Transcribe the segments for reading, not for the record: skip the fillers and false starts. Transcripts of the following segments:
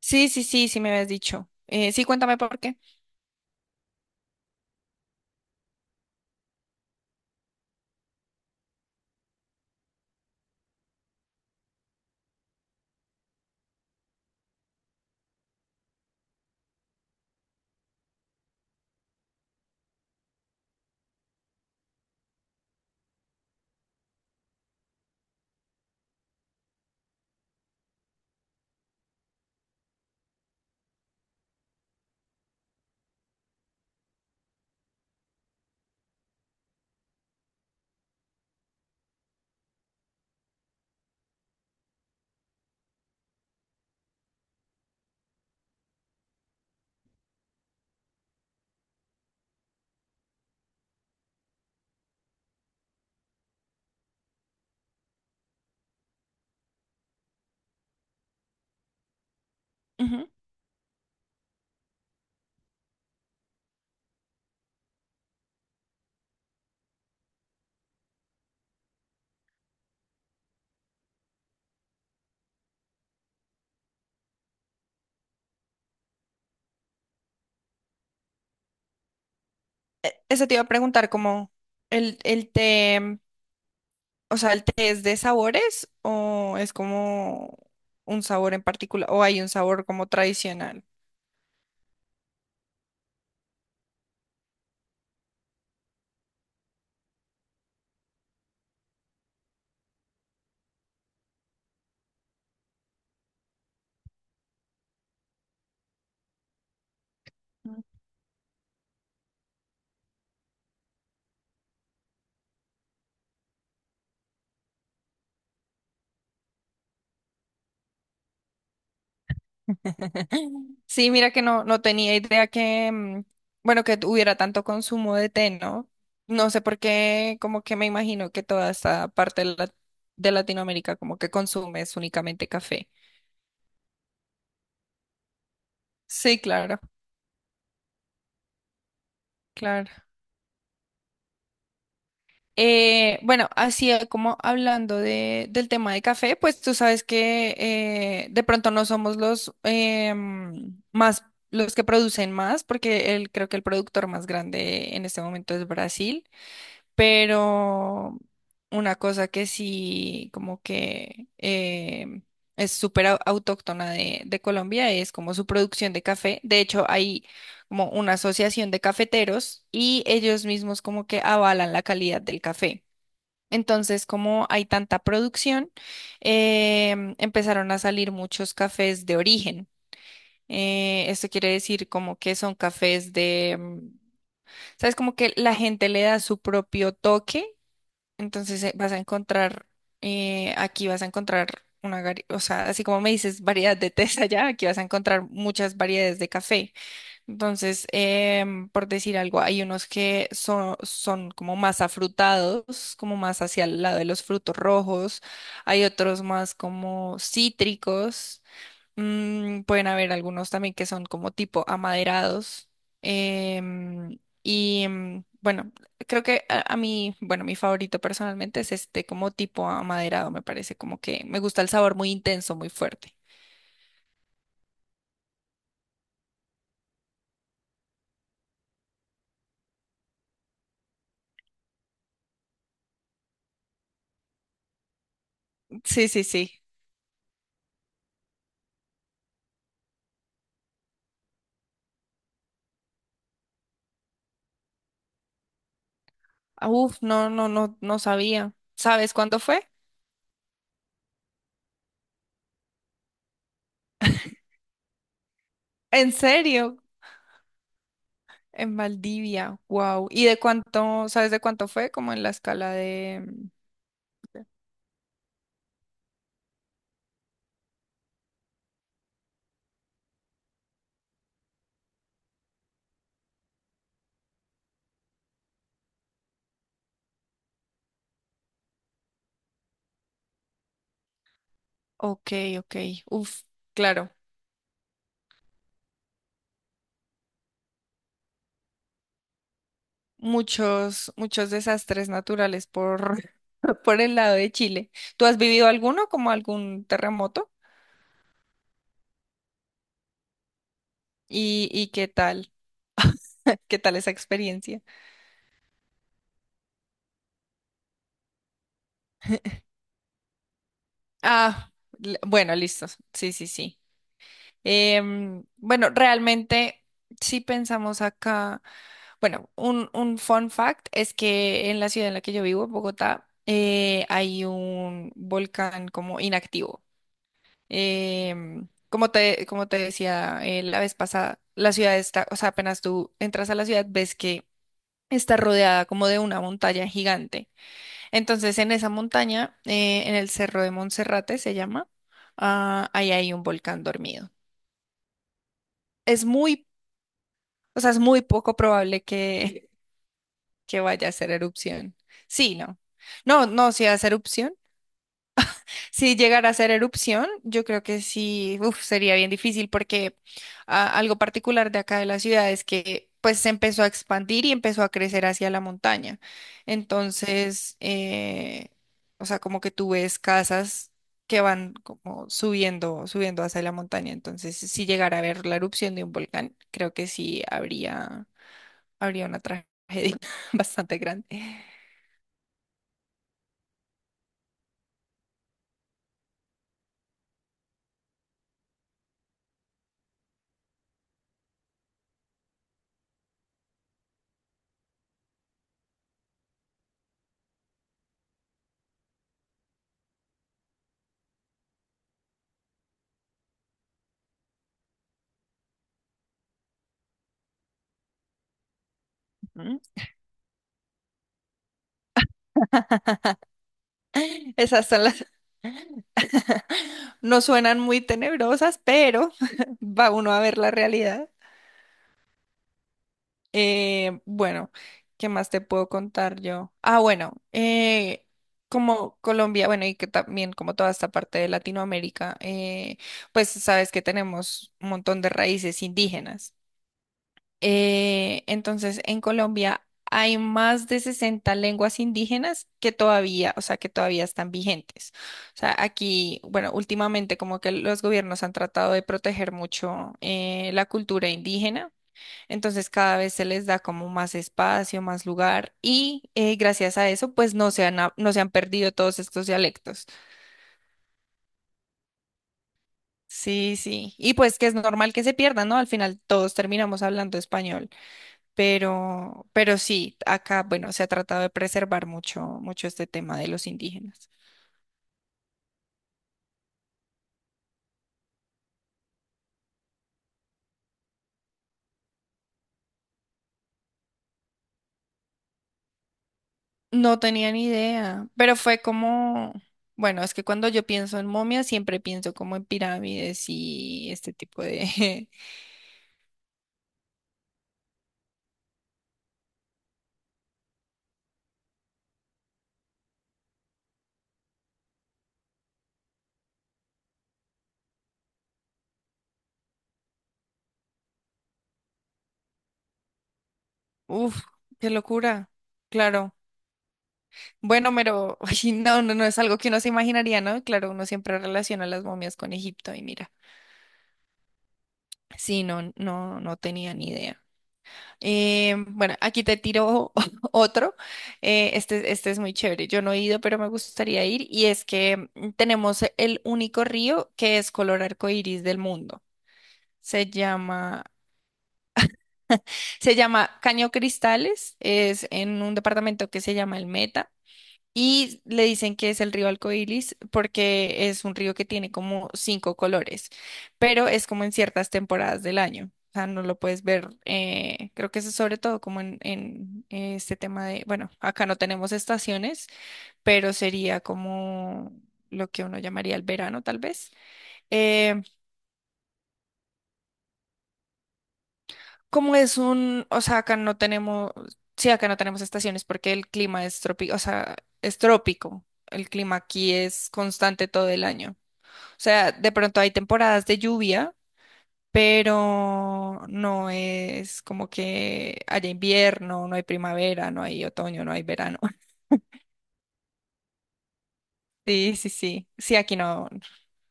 Sí, sí, sí, sí me habías dicho. Sí, cuéntame por qué. Ujú. Eso te iba a preguntar, como el té. O sea, ¿el té es de sabores o es como un sabor en particular o hay un sabor como tradicional? Sí, mira que no tenía idea que, bueno, que hubiera tanto consumo de té, ¿no? No sé por qué, como que me imagino que toda esta parte de de Latinoamérica como que consume es únicamente café. Sí, claro, claro. Bueno, así como hablando del tema de café, pues tú sabes que de pronto no somos los más, los que producen más, porque creo que el productor más grande en este momento es Brasil, pero una cosa que sí como que es súper autóctona de Colombia es como su producción de café. De hecho, hay como una asociación de cafeteros y ellos mismos como que avalan la calidad del café. Entonces, como hay tanta producción, empezaron a salir muchos cafés de origen. Esto quiere decir como que son cafés de, sabes, como que la gente le da su propio toque. Entonces vas a encontrar, aquí vas a encontrar una o sea, así como me dices variedad de tés allá, aquí vas a encontrar muchas variedades de café. Entonces, por decir algo, hay unos que son como más afrutados, como más hacia el lado de los frutos rojos, hay otros más como cítricos, pueden haber algunos también que son como tipo amaderados. Bueno, creo que a mí, bueno, mi favorito personalmente es este como tipo amaderado, me parece como que me gusta el sabor muy intenso, muy fuerte. Sí, sí, sí. Ah, uf, no, no, no, no sabía. ¿Sabes cuánto fue? ¿En serio? En Valdivia, wow. ¿Y de cuánto, sabes de cuánto fue? Como en la escala de ok, ok, uf, claro. Muchos, muchos desastres naturales por, por el lado de Chile. ¿Tú has vivido alguno, como algún terremoto? Y qué tal? ¿Qué tal esa experiencia? Ah, bueno, listo. Sí, sí, sí. Bueno, realmente, si pensamos acá, bueno, un fun fact es que en la ciudad en la que yo vivo, Bogotá, hay un volcán como inactivo. Como te, como te decía la vez pasada, la ciudad está, o sea, apenas tú entras a la ciudad, ves que está rodeada como de una montaña gigante. Entonces, en esa montaña, en el Cerro de Monserrate se llama, ah, ahí hay un volcán dormido. Es muy, o sea, es muy poco probable que vaya a hacer erupción. Sí, no. No, no, si hace erupción. Si llegara a ser erupción, yo creo que sí, uf, sería bien difícil porque ah, algo particular de acá de la ciudad es que pues se empezó a expandir y empezó a crecer hacia la montaña. Entonces, o sea, como que tú ves casas que van como subiendo, subiendo hacia la montaña. Entonces, si llegara a ver la erupción de un volcán, creo que sí habría, habría una tragedia bastante grande. Ujú. Esas son las. No suenan muy tenebrosas, pero va uno a ver la realidad. Bueno, ¿qué más te puedo contar yo? Ah, bueno, como Colombia, bueno, y que también como toda esta parte de Latinoamérica, pues sabes que tenemos un montón de raíces indígenas. Entonces, en Colombia hay más de 60 lenguas indígenas que todavía, o sea, que todavía están vigentes. O sea, aquí, bueno, últimamente como que los gobiernos han tratado de proteger mucho la cultura indígena, entonces cada vez se les da como más espacio, más lugar y gracias a eso, pues no se han, no se han perdido todos estos dialectos. Sí, sí. Y pues que es normal que se pierdan, ¿no? Al final todos terminamos hablando español. Pero sí, acá, bueno, se ha tratado de preservar mucho, mucho este tema de los indígenas. No tenía ni idea, pero fue como, bueno, es que cuando yo pienso en momias, siempre pienso como en pirámides y este tipo de uf, qué locura, claro. Bueno, pero ay, no, no, no es algo que uno se imaginaría, ¿no? Claro, uno siempre relaciona las momias con Egipto y mira. Sí, no, no, no tenía ni idea. Bueno, aquí te tiro otro. Este, este es muy chévere. Yo no he ido, pero me gustaría ir. Y es que tenemos el único río que es color arcoíris del mundo. Se llama, Se llama Caño Cristales. Es en un departamento que se llama El Meta. Y le dicen que es el río Alcoilis porque es un río que tiene como cinco colores, pero es como en ciertas temporadas del año. O sea, no lo puedes ver. Creo que eso es sobre todo como en este tema de, bueno, acá no tenemos estaciones, pero sería como lo que uno llamaría el verano, tal vez. Eh, Como es un, o sea, acá no tenemos, sí, acá no tenemos estaciones porque el clima es trópico, o sea, es trópico. El clima aquí es constante todo el año. O sea, de pronto hay temporadas de lluvia, pero no es como que haya invierno, no hay primavera, no hay otoño, no hay verano. Sí, sí, sí. Sí, aquí no,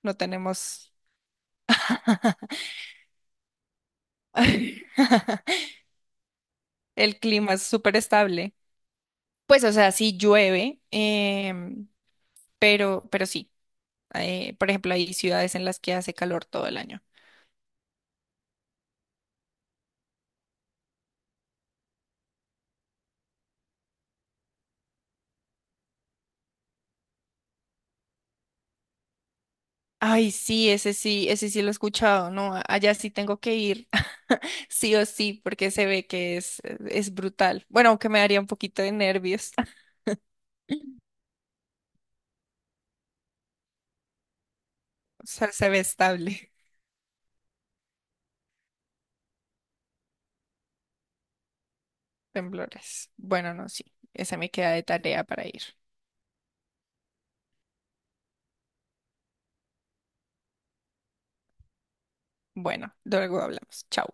no tenemos. El clima es súper estable. Pues, o sea, sí llueve, pero sí. Por ejemplo, hay ciudades en las que hace calor todo el año. Ay, sí, ese sí, ese sí lo he escuchado, no, allá sí tengo que ir, sí o sí, porque se ve que es brutal. Bueno, aunque me daría un poquito de nervios, o sea, se ve estable. Temblores. Bueno, no, sí, esa me queda de tarea para ir. Bueno, luego hablamos, chao.